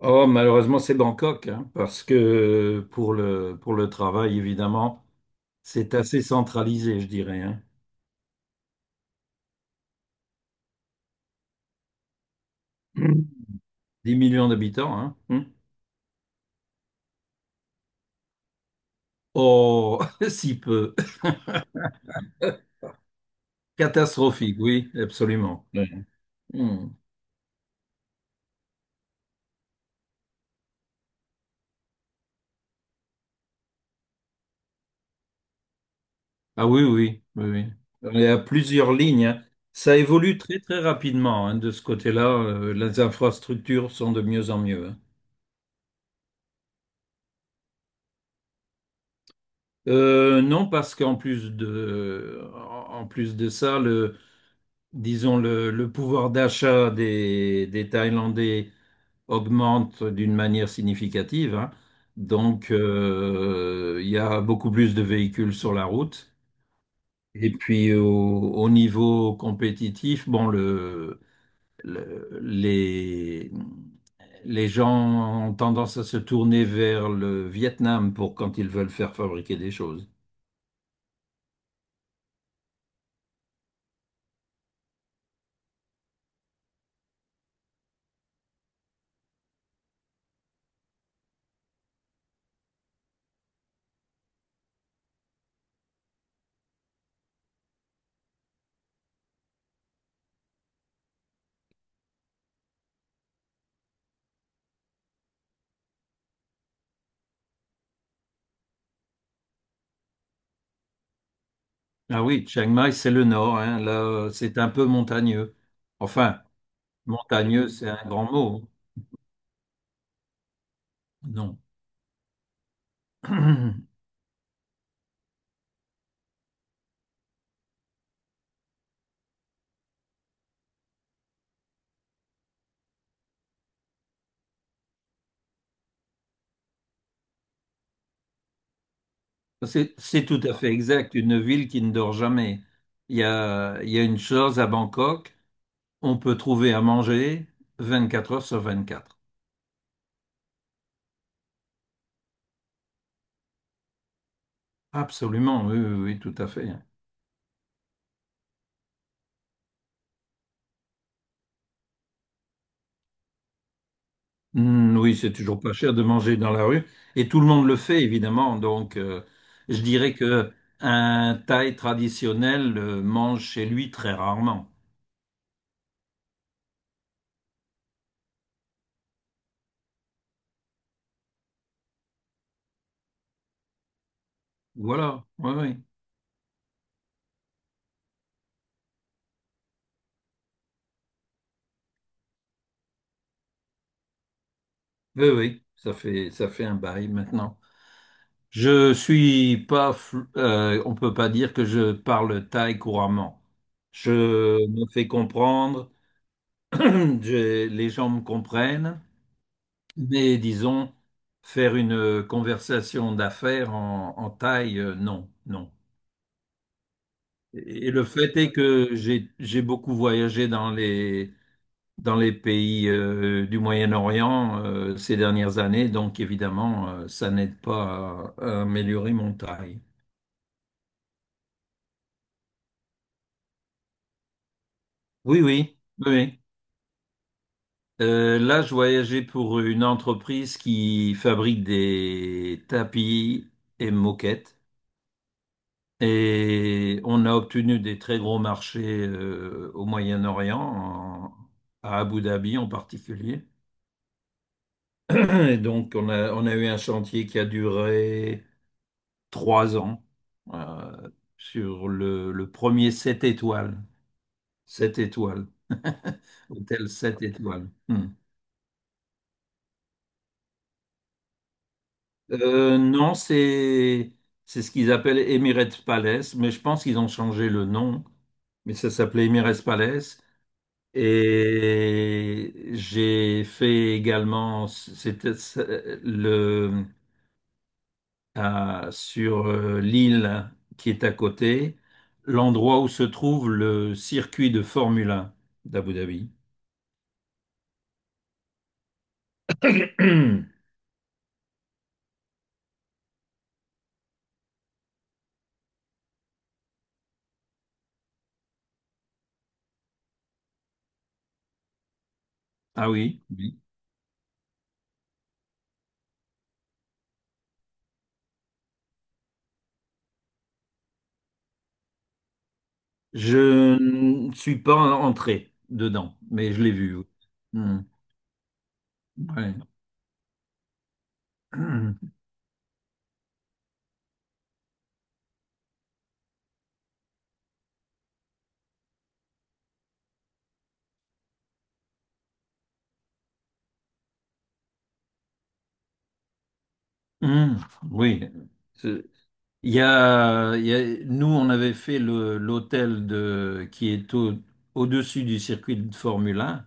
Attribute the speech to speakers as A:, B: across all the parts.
A: Oh, malheureusement, c'est Bangkok, hein, parce que pour le travail, évidemment, c'est assez centralisé, je dirais, hein. Mm. 10 millions d'habitants, hein. Mm. Oh, si peu. Catastrophique, oui, absolument. Ouais. Mm. Ah oui, oui, oui, oui. Il y a plusieurs lignes, hein. Ça évolue très, très rapidement, hein, de ce côté-là. Les infrastructures sont de mieux en mieux, hein. Non, parce qu'en plus de ça, disons, le pouvoir d'achat des Thaïlandais augmente d'une manière significative, hein. Donc, il y a beaucoup plus de véhicules sur la route. Et puis, au niveau compétitif, bon, le- les, les gens ont tendance à se tourner vers le Vietnam pour quand ils veulent faire fabriquer des choses. Ah oui, Chiang Mai, c'est le nord, hein. Là, c'est un peu montagneux. Enfin, montagneux, c'est un grand mot, hein. Non. C'est tout à fait exact. Une ville qui ne dort jamais. Il y a une chose à Bangkok, on peut trouver à manger 24 heures sur 24. Absolument, oui, oui, oui, tout à fait. Hmm, oui, c'est toujours pas cher de manger dans la rue. Et tout le monde le fait, évidemment. Donc, je dirais que un Thaï traditionnel mange chez lui très rarement. Voilà, oui, oui. Oui, oui, ça fait un bail maintenant. Je suis pas, fl- On peut pas dire que je parle thaï couramment. Je me fais comprendre, les gens me comprennent, mais disons, faire une conversation d'affaires en thaï, non, non. Et le fait est que j'ai beaucoup voyagé dans les pays du Moyen-Orient ces dernières années, donc évidemment, ça n'aide pas à, à améliorer mon thaï. Oui, oui, oui, oui. Là, je voyageais pour une entreprise qui fabrique des tapis et moquettes. Et on a obtenu des très gros marchés au Moyen-Orient, à Abu Dhabi en particulier. Et donc, on a eu un chantier qui a duré trois ans, euh, sur le premier sept étoiles. Sept étoiles. Hôtel sept étoiles. Hmm. Non, c'est ce qu'ils appellent Emirates Palace, mais je pense qu'ils ont changé le nom. Mais ça s'appelait Emirates Palace. Et j'ai fait également, c'était le sur l'île qui est à côté, l'endroit où se trouve le circuit de Formule 1 d'Abu Dhabi. Ah oui, oui. Je ne suis pas entré dedans, mais je l'ai vu, oui. Hmm, ouais. Hum, hum, oui. C'est- il y a- nous on avait fait le l'hôtel de qui est au-dessus du circuit de Formule 1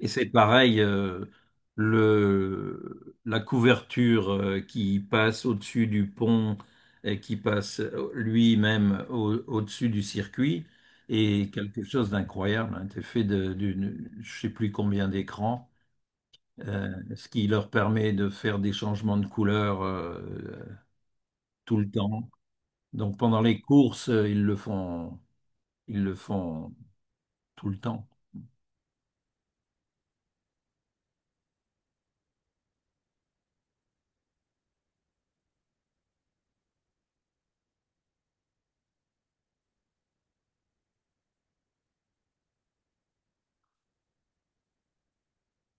A: et c'est pareil, le la couverture qui passe au-dessus du pont et qui passe lui-même au-dessus du circuit et quelque chose d'incroyable, hein. C'est fait de, d'une je sais plus combien d'écrans, ce qui leur permet de faire des changements de couleur, tout le temps. Donc pendant les courses, ils le font tout le temps.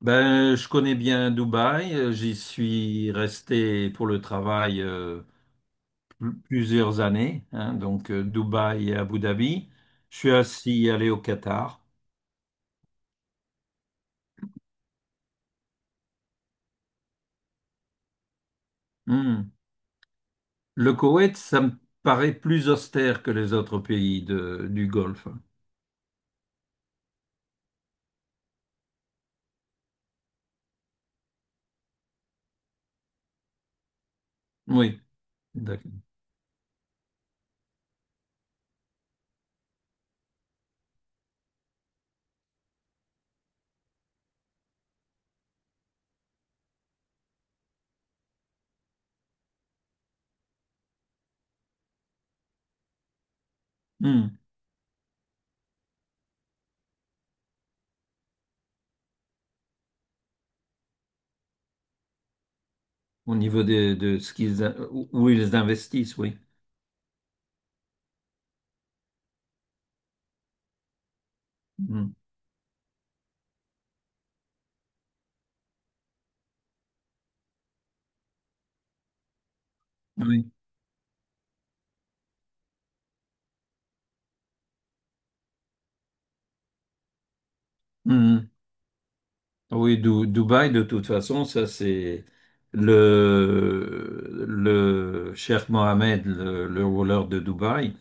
A: Ben, je connais bien Dubaï, j'y suis resté pour le travail, plusieurs années, hein. Donc Dubaï et Abu Dhabi. Je suis aussi allé au Qatar. Hmm. Le Koweït, ça me paraît plus austère que les autres pays du Golfe. Oui, d'accord. Hmm. Au niveau de ce qu'ils, où ils investissent, oui. Mm. Oui. Mm. Oui, Dubaï, de toute façon, ça c'est le Cheikh Mohamed, le ruler de Dubaï,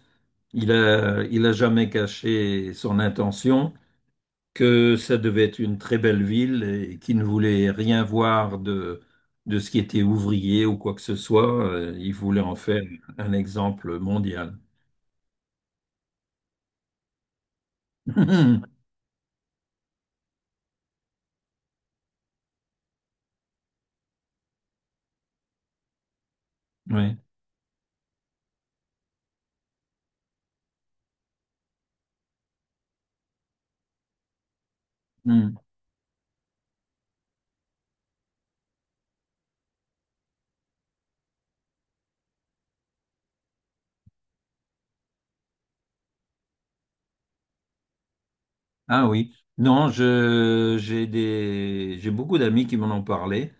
A: il a jamais caché son intention que ça devait être une très belle ville et qu'il ne voulait rien voir de ce qui était ouvrier ou quoi que ce soit. Il voulait en faire un exemple mondial. Oui. Mm. Ah oui, non, je j'ai des j'ai beaucoup d'amis qui m'en ont parlé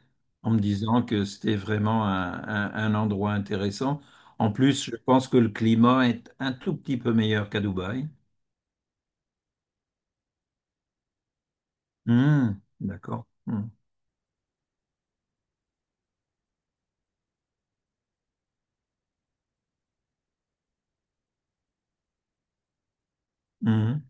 A: en me disant que c'était vraiment un endroit intéressant. En plus, je pense que le climat est un tout petit peu meilleur qu'à Dubaï. Hmm, d'accord. Hmm, hmm.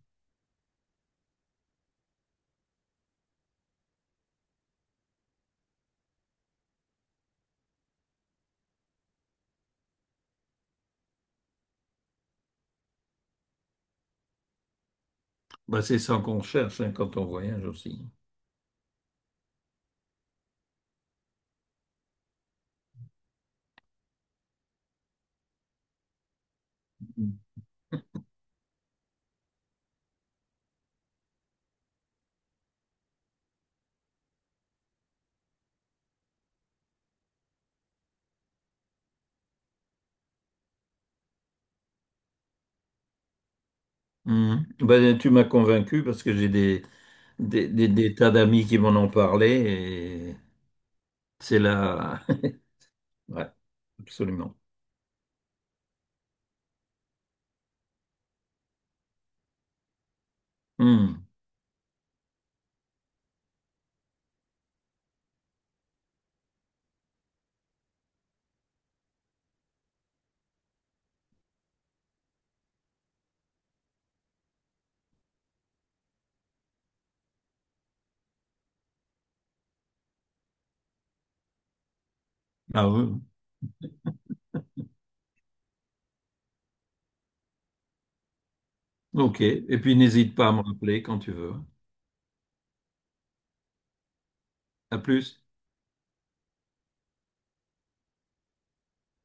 A: Bah, c'est ça qu'on cherche, hein, quand on voyage aussi. Hmm. Bah, tu m'as convaincu parce que j'ai des tas d'amis qui m'en ont parlé et c'est là. Ouais, absolument. Hmm. Ah oui. Ok. Et puis n'hésite pas à me rappeler quand tu veux. À plus.